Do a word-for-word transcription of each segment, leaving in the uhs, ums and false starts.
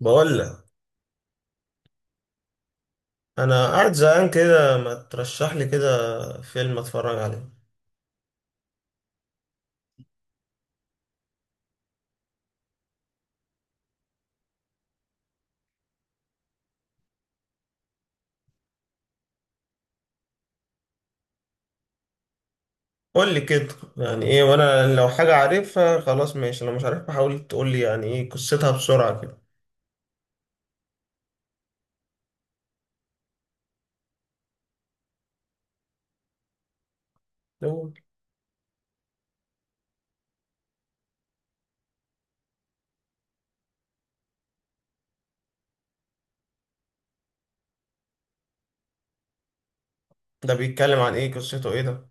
بقول لك، انا قاعد زهقان كده. ما ترشح لي كده فيلم اتفرج عليه. قول لي كده، يعني ايه. وانا لو حاجه عارفها خلاص ماشي، لو مش عارفها حاول تقول لي يعني ايه قصتها بسرعه كده. لو ده بيتكلم عن ايه؟ قصته ايه ده؟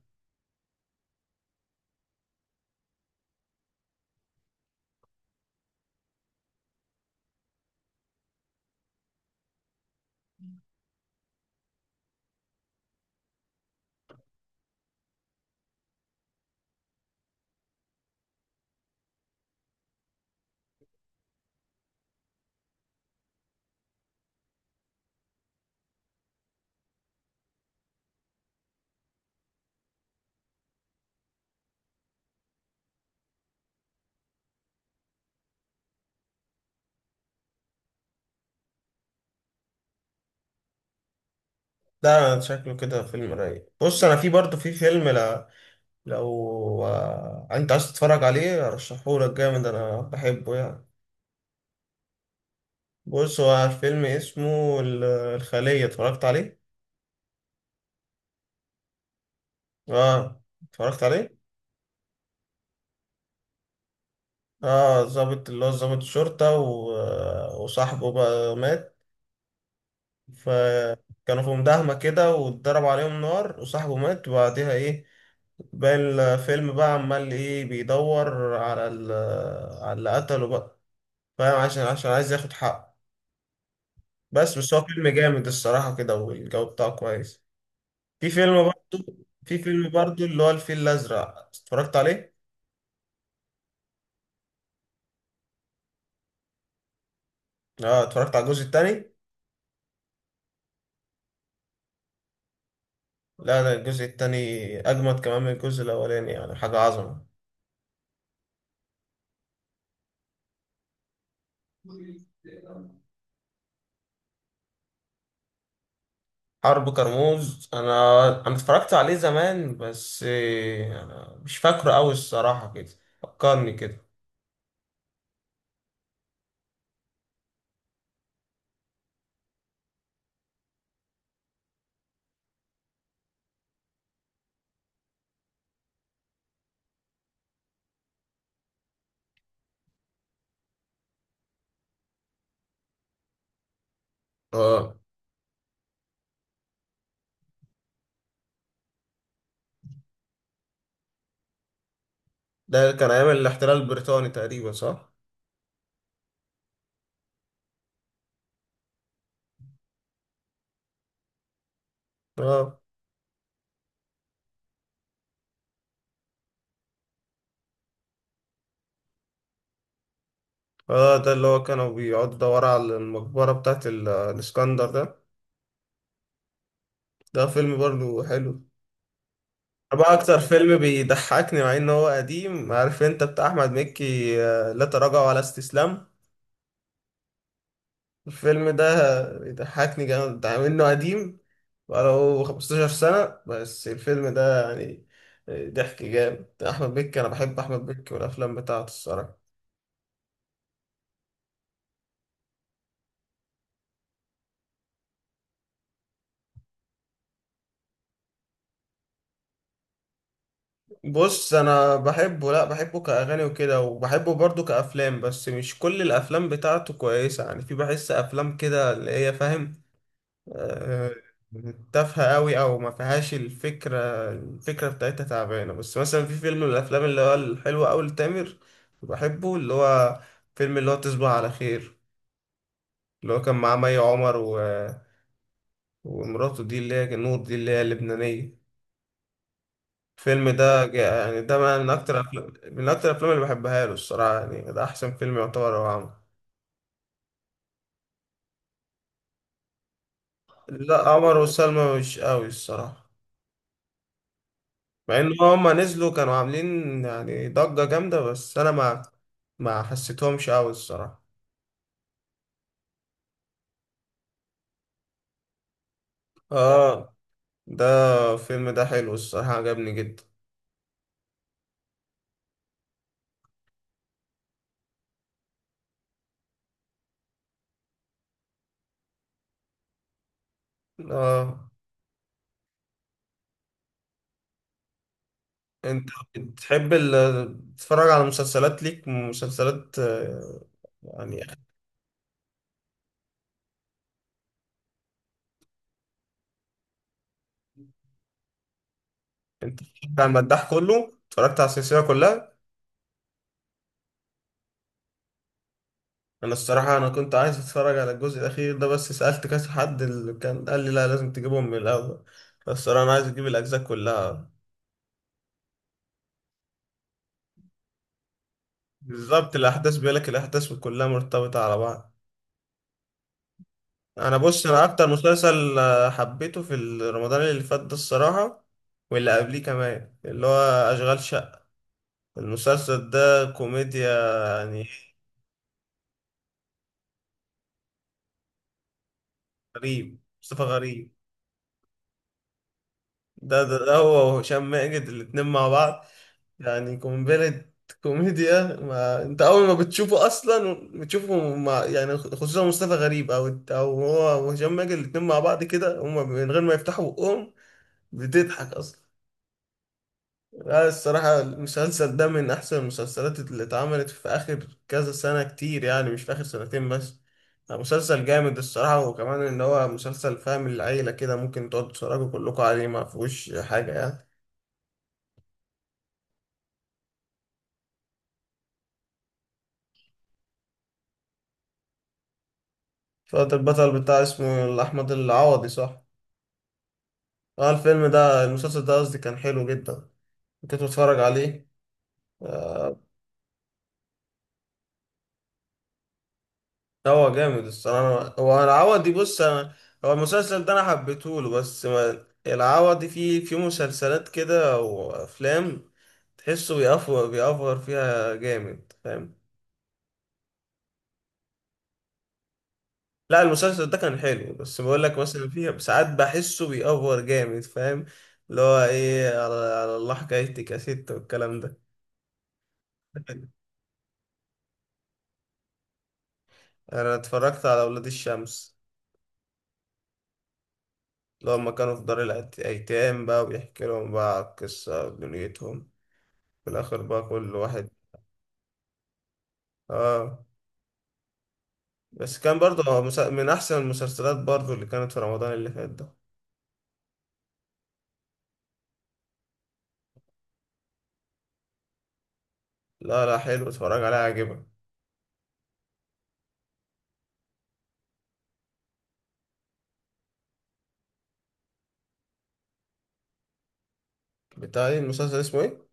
ده شكله كده فيلم رايق. بص انا في برضه في فيلم، لا لو آه، انت عايز تتفرج عليه ارشحه لك جامد، انا بحبه يعني. بص هو الفيلم اسمه ال- الخلية، اتفرجت عليه؟ اه، اتفرجت عليه. اه ظابط، اللي هو ظابط شرطة و... وصاحبه بقى مات. فكانوا في مداهمة كده واتضرب عليهم نار وصاحبه مات، وبعديها ايه باقي الفيلم بقى عمال ايه؟ بيدور على ال... على اللي قتله بقى، فاهم؟ عشان عشان عايز ياخد حقه. بس بس هو فيلم جامد الصراحة كده، والجو بتاعه كويس. في فيلم برضه، في فيلم برضه اللي هو الفيل الأزرق، اتفرجت عليه؟ اه، اتفرجت على الجزء التاني. لا، ده الجزء التاني أجمد كمان من الجزء الأولاني، يعني حاجة عظمة. حرب كرموز، أنا أنا اتفرجت عليه زمان بس إيه، أنا مش فاكره أوي الصراحة كده. فكرني كده. اه ده كان أيام الاحتلال البريطاني تقريبا صح؟ اه. اه ده اللي هو كانوا بيقعدوا يدوروا على المقبرة بتاعت ال- الإسكندر ده. ده فيلم برضه حلو. بقى أكتر فيلم بيضحكني، مع إن هو قديم، عارف أنت، بتاع أحمد مكي آه، لا تراجع ولا استسلام. الفيلم ده بيضحكني جامد، ده منه قديم، بقاله خمسة عشر سنة بس الفيلم ده يعني. آه، ضحك جامد أحمد مكي. أنا بحب أحمد مكي والأفلام بتاعته الصراحة. بص أنا بحبه، لأ بحبه كأغاني وكده، وبحبه برضه كأفلام، بس مش كل الأفلام بتاعته كويسة. يعني في بحس أفلام كده اللي هي، فاهم، آه، تافهة قوي او ما فيهاش الفكرة. الفكرة بتاعتها تعبانة. بس مثلا في فيلم من الافلام اللي هو الحلوة قوي لتامر، بحبه، اللي هو فيلم اللي هو تصبح على خير، اللي هو كان معاه مي عمر و... ومراته دي اللي هي نور دي اللي هي اللبنانية. الفيلم ده جا- يعني ده من اكتر أفلام... من اكتر الافلام اللي بحبها له الصراحة. يعني ده احسن فيلم يعتبر هو عمل. لا، عمر وسلمى مش قوي الصراحة، مع ان هما نزلوا كانوا عاملين يعني ضجة جامدة، بس انا ما ما حسيتهمش قوي الصراحة. اه ده الفيلم ده حلو الصراحة، عجبني جدا. اه انت بتحب ال- تتفرج على مسلسلات؟ ليك مسلسلات آه، يعني؟ بتاع المداح، كله اتفرجت على السلسلة كلها. انا الصراحة انا كنت عايز اتفرج على الجزء الاخير ده، بس سألت كذا حد اللي كان قال لي لا لازم تجيبهم من الاول، بس الصراحة انا عايز اجيب الاجزاء كلها. بالظبط، الأحداث بيقول لك الأحداث كلها مرتبطة على بعض. أنا بص، أنا أكتر مسلسل آه، حبيته في رمضان اللي فات ده الصراحة، واللي قبليه كمان، اللي هو أشغال شقة. المسلسل ده كوميديا يعني. غريب، مصطفى غريب ده، ده, ده هو وهشام ماجد الاتنين مع بعض يعني قنبلة. كوميديا، ما أنت أول ما بتشوفه أصلا بتشوفه مع يعني، خصوصا مصطفى غريب، أو أو هو وهشام ماجد الاتنين مع بعض كده، هما من غير ما يفتحوا بقهم بتضحك اصلا. لا الصراحة المسلسل ده من احسن المسلسلات اللي اتعملت في اخر كذا سنة كتير، يعني مش في اخر سنتين بس. لا، مسلسل جامد الصراحة، وكمان ان هو مسلسل فاهم العيلة كده، ممكن تقعدوا تتفرجوا كلكم عليه، ما فيهوش حاجة يعني. فقط البطل، بتاع اسمه احمد العوضي صح؟ اه الفيلم ده، المسلسل ده قصدي، كان حلو جدا. كنت بتفرج عليه آه، هو جامد الصراحة. هو العوضي، بص أنا، هو المسلسل ده أنا حبيته له، بس ما العوضي فيه في مسلسلات كده وأفلام تحسه بيأفور بيأفور فيها جامد، فاهم؟ لا المسلسل ده كان حلو، بس بقول لك مثلا فيه ساعات بحسه بيأفور جامد، فاهم؟ اللي هو إيه، على, على الله حكايتك يا ست والكلام ده. أنا اتفرجت على أولاد الشمس، اللي هما كانوا في دار الأيتام بقى، وبيحكي لهم بقى قصة دنيتهم في الآخر بقى كل واحد. اه بس كان برضه هو مسا- من احسن المسلسلات برضه اللي كانت في رمضان اللي فات ده. لا لا حلو، اتفرج عليها عجبك. بتاع ايه المسلسل، اسمه ايه؟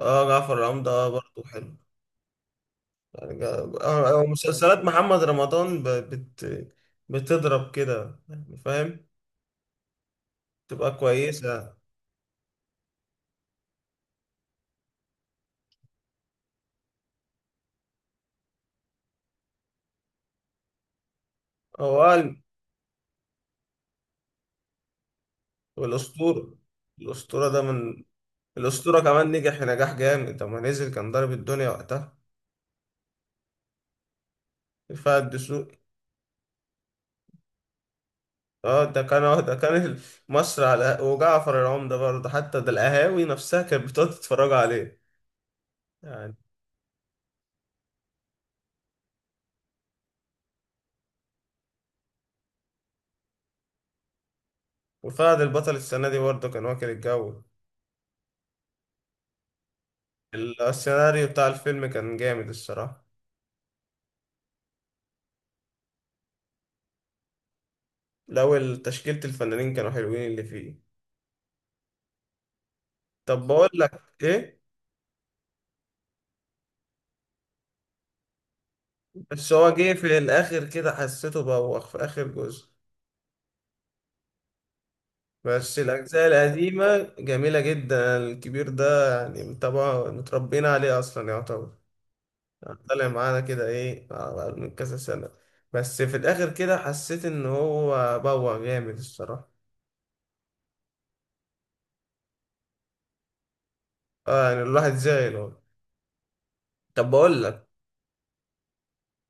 اه جعفر العمدة، اه برضه حلو. يعني جا- آه آه، مسلسلات محمد رمضان ب... بت... بتضرب كده يعني، فاهم؟ تبقى كويسة. هو قال والأسطورة. الأسطورة ده من، الأسطورة كمان نجح نجاح جامد لما نزل، كان ضارب الدنيا وقتها. رفاعي الدسوقي. اه ده كان اه ده كان ال- مصر على وجعفر العمدة برضه، حتى ده القهاوي نفسها كانت بتقعد تتفرج عليه يعني. وفهد البطل السنة دي برضه كان واكل الجو. ال- السيناريو بتاع الفيلم كان جامد الصراحة. لو ال- تشكيلة الفنانين كانوا حلوين اللي فيه. طب بقول لك ايه، بس هو جه في الاخر كده حسيته بوخ في اخر جزء. بس الاجزاء القديمة جميلة جدا الكبير ده، يعني طبعا متربيين عليه اصلا يعتبر. طلع معانا كده ايه بعد من كذا سنة، بس في الآخر كده حسيت إن هو بوع جامد الصراحة. اه يعني الواحد زعل والله. طب بقول لك،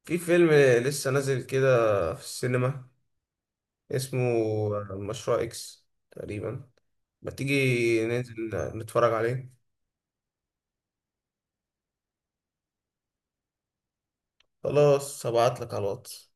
في فيلم لسه نازل كده في السينما، اسمه مشروع إكس تقريبا. ما تيجي ننزل نتفرج عليه؟ خلاص هبعتلك على الواتس.